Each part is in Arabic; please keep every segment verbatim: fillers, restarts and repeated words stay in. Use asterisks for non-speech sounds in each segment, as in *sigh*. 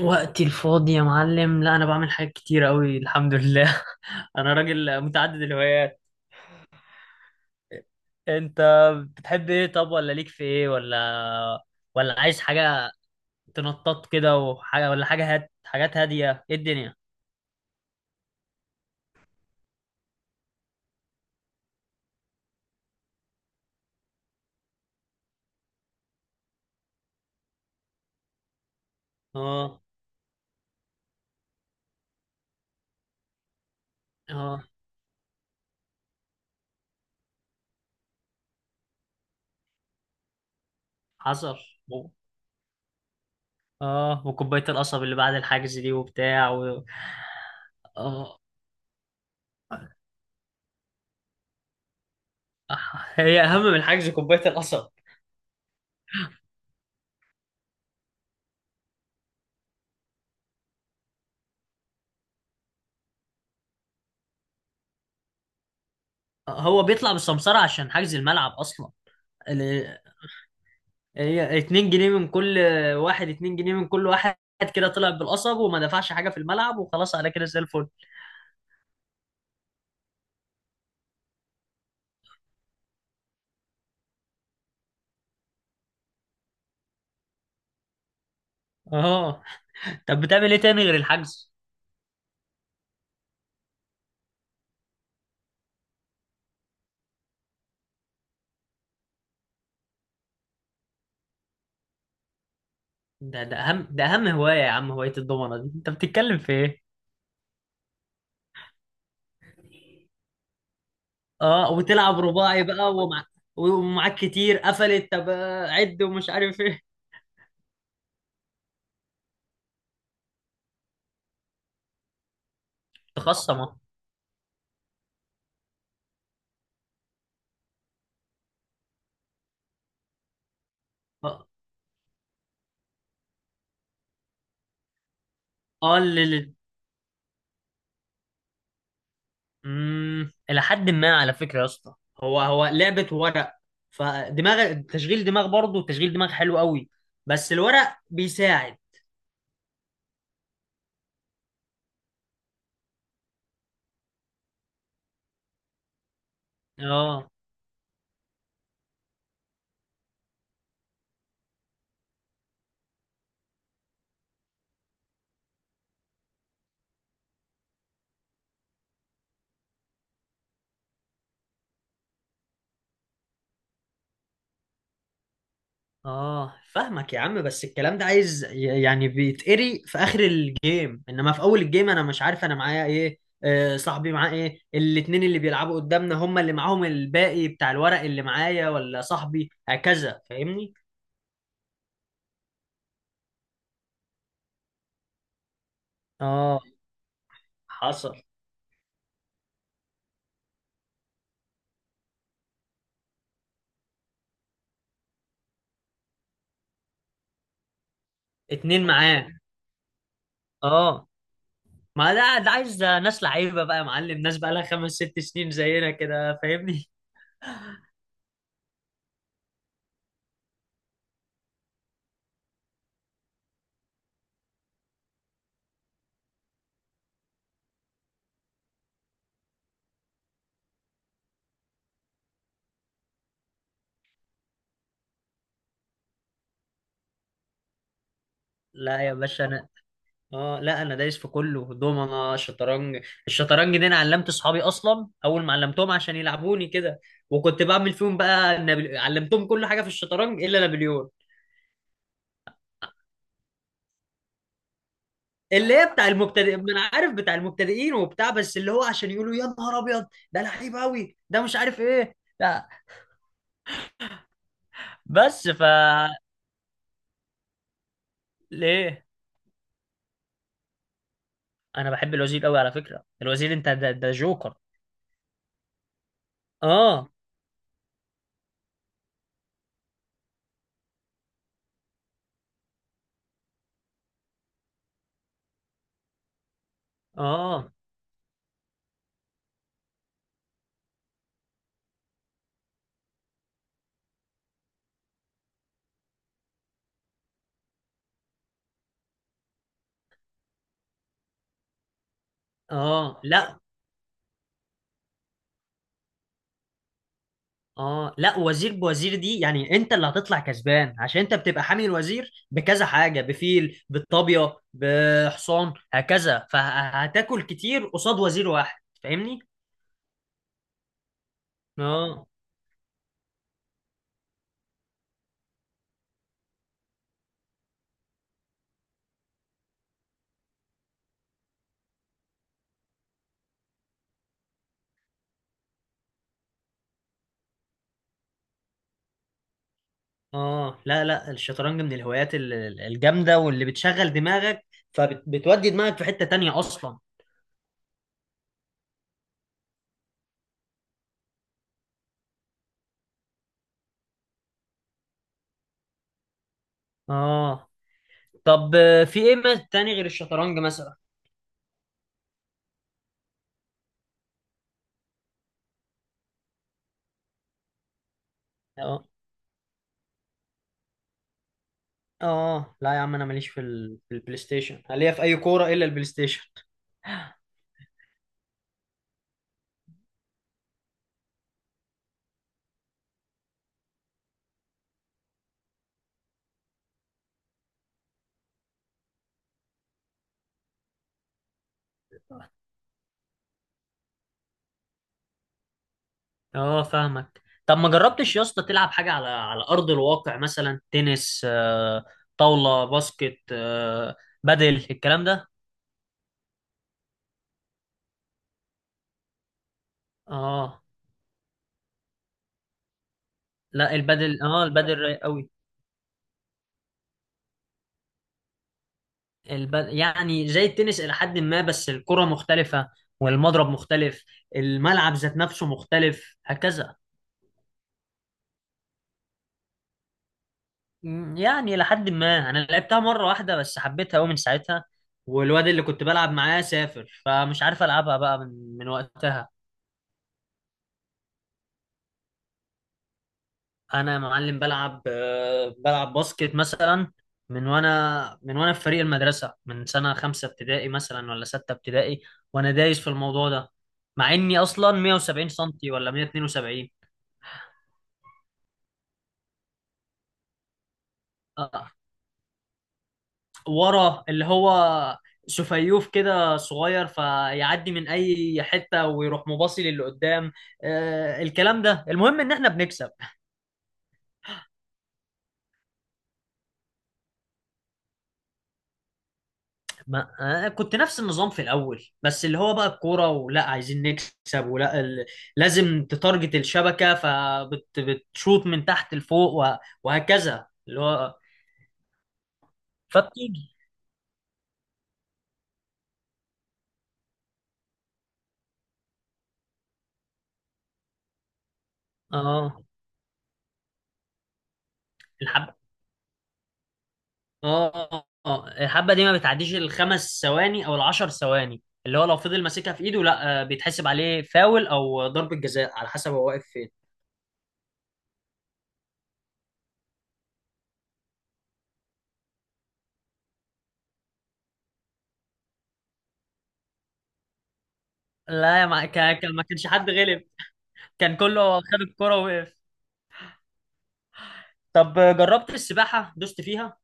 وقتي الفاضي يا معلم، لا انا بعمل حاجات كتير قوي، الحمد لله. *laughs* انا راجل متعدد الهوايات. انت بتحب ايه؟ طب ولا ليك في ايه؟ ولا ولا عايز حاجه؟ تنطط كده وحاجه ولا حاجه؟ هات حاجات هاديه. ايه الدنيا؟ اه اه، حصل. و- اه، وكوبايه القصب اللي بعد الحجز دي وبتاع و... اه، هي اهم من الحجز، كوبايه القصب. هو بيطلع بالسمسره عشان حجز الملعب اصلا. هي اتنين جنيه من كل واحد، اتنين جنيه من كل واحد. كده طلع بالقصب وما دفعش حاجة في الملعب وخلاص، على كده زي الفل. اه، طب بتعمل ايه تاني غير الحجز؟ ده ده اهم ده اهم هواية يا عم، هواية الضمنة دي، انت بتتكلم في ايه؟ اه، وتلعب رباعي بقى ومع ومعاك كتير قفلت. طب آه، عد ومش عارف ايه. تخصم. اه، آه، اللي امم الى حد ما على فكره يا اسطى، هو هو لعبه ورق. فدماغ تشغيل دماغ، برضه تشغيل دماغ حلو قوي. بس الورق بيساعد. اه اه، فاهمك يا عم. بس الكلام ده عايز ي- يعني بيتقري في اخر الجيم، انما في اول الجيم انا مش عارف انا معايا ايه. آه صاحبي معاه ايه، الاتنين اللي بيلعبوا قدامنا هم اللي معاهم الباقي بتاع الورق اللي معايا ولا صاحبي. هكذا فاهمني؟ اه، حصل. اتنين معاه. اه، ما ده ده عايز ناس لعيبه بقى يا معلم، ناس بقى لها خمس ست سنين زينا كده، فاهمني؟ لا يا باشا انا، اه لا انا دايس في كله، دومنه شطرنج الشطرنج دي انا علمت اصحابي اصلا، اول ما علمتهم عشان يلعبوني كده. وكنت بعمل فيهم بقى نابل... علمتهم كل حاجه في الشطرنج الا نابليون. اللي هي بتاع المبتدئ، ما انا عارف بتاع المبتدئين وبتاع، بس اللي هو عشان يقولوا يا نهار ابيض، ده لعيب قوي، ده مش عارف ايه. لا، بس ف ليه؟ انا بحب الوزير قوي على فكره، الوزير انت ده, ده جوكر. اه اه اه، لا. اه، لا وزير بوزير دي يعني انت اللي هتطلع كسبان، عشان انت بتبقى حامي الوزير بكذا حاجه، بفيل بالطابيه بحصان، هكذا، فهتاكل كتير قصاد وزير واحد، فاهمني؟ اه اه، لا لا، الشطرنج من الهوايات ال- ال- الجامده، واللي بتشغل دماغك فبتودي دماغك في حته تانية اصلا. اه، طب آه، في ايه ما- تاني غير الشطرنج مثلا؟ آه. اه، لا يا عم انا ماليش في, ال... في البلاي ستيشن. أنا ليا في اي كوره الا البلاي ستيشن. اه، فاهمك. طب ما جربتش يا اسطى تلعب حاجه على على ارض الواقع؟ مثلا تنس، آه، طاوله، باسكت، آه، بدل الكلام ده. اه، لا. البدل اه البدل رايق قوي. الب... يعني زي التنس الى حد ما، بس الكره مختلفه والمضرب مختلف، الملعب ذات نفسه مختلف، هكذا. مم، يعني لحد ما، انا لعبتها مره واحده بس حبيتها قوي من ساعتها، والواد اللي كنت بلعب معاه سافر فمش عارف العبها بقى من من وقتها. انا يا معلم بلعب، آه، بلعب باسكت مثلا، من وانا من وانا في فريق المدرسه، من سنه خمسه ابتدائي مثلا ولا سته ابتدائي، وانا دايس في الموضوع ده، مع اني اصلا مائة وسبعين سنتي ولا مائة واثنين وسبعين. ورا اللي هو سفيوف كده صغير، فيعدي من اي حته ويروح مباصي للي قدام. آه الكلام ده، المهم ان احنا بنكسب. ما آه كنت نفس النظام في الاول، بس اللي هو بقى الكوره ولا عايزين نكسب ولا ال... لازم تتارجت الشبكه، فبتشوط من تحت لفوق و... وهكذا اللي هو. فبتيجي. اه. الحب اه اه الحبه دي ما بتعديش الخمس ثواني او العشر ثواني، اللي هو لو فضل ماسكها في ايده لا، آه، بيتحسب عليه فاول او ضربه جزاء، على حسب هو واقف فين. لا يا ما كان كان- ما كانش حد غلب، كان كله خد الكرة ووقف. طب، آه، جربت السباحة، دوست فيها؟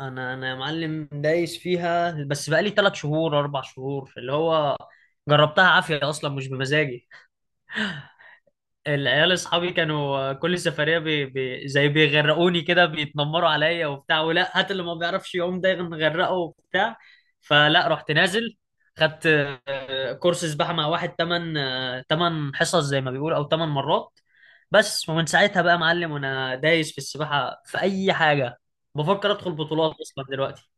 انا انا يا معلم دايس فيها، بس بقالي ثلاث شهور اربع شهور، اللي هو جربتها عافية اصلا، مش بمزاجي. العيال اصحابي كانوا كل سفريه بي بي زي بيغرقوني كده، بيتنمروا عليا وبتاع، ولا هات اللي ما بيعرفش يعوم ده نغرقه، وبتاع. فلا، رحت نازل خدت آه، كورس سباحه مع واحد، تمن آه، تمن حصص زي ما بيقولوا، او تمن مرات. بس، ومن ساعتها بقى معلم، وانا دايس في السباحه في اي حاجه، بفكر ادخل بطولات اصلا دلوقتي.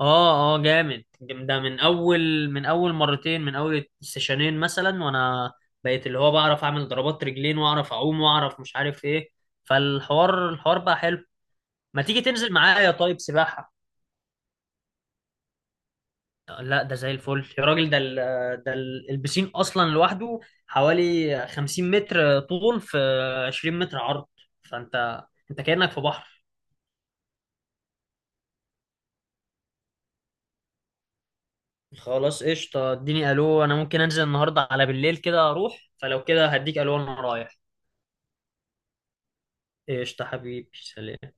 اه اه، جامد ده. من اول من اول مرتين، من اول سيشنين مثلا، وانا بقيت اللي هو بعرف اعمل ضربات رجلين واعرف اعوم واعرف مش عارف ايه. فالحوار الحوار بقى حلو. ما تيجي تنزل معايا طيب سباحة؟ لا ده زي الفل يا راجل. ده ال ده ال- البسين اصلا لوحده حوالي 50 متر طول في 20 متر عرض، فانت انت كأنك في بحر. خلاص قشطة، اديني الو، انا ممكن انزل النهارده على بالليل كده اروح، فلو كده هديك الو انا رايح. قشطة حبيبي، سلام.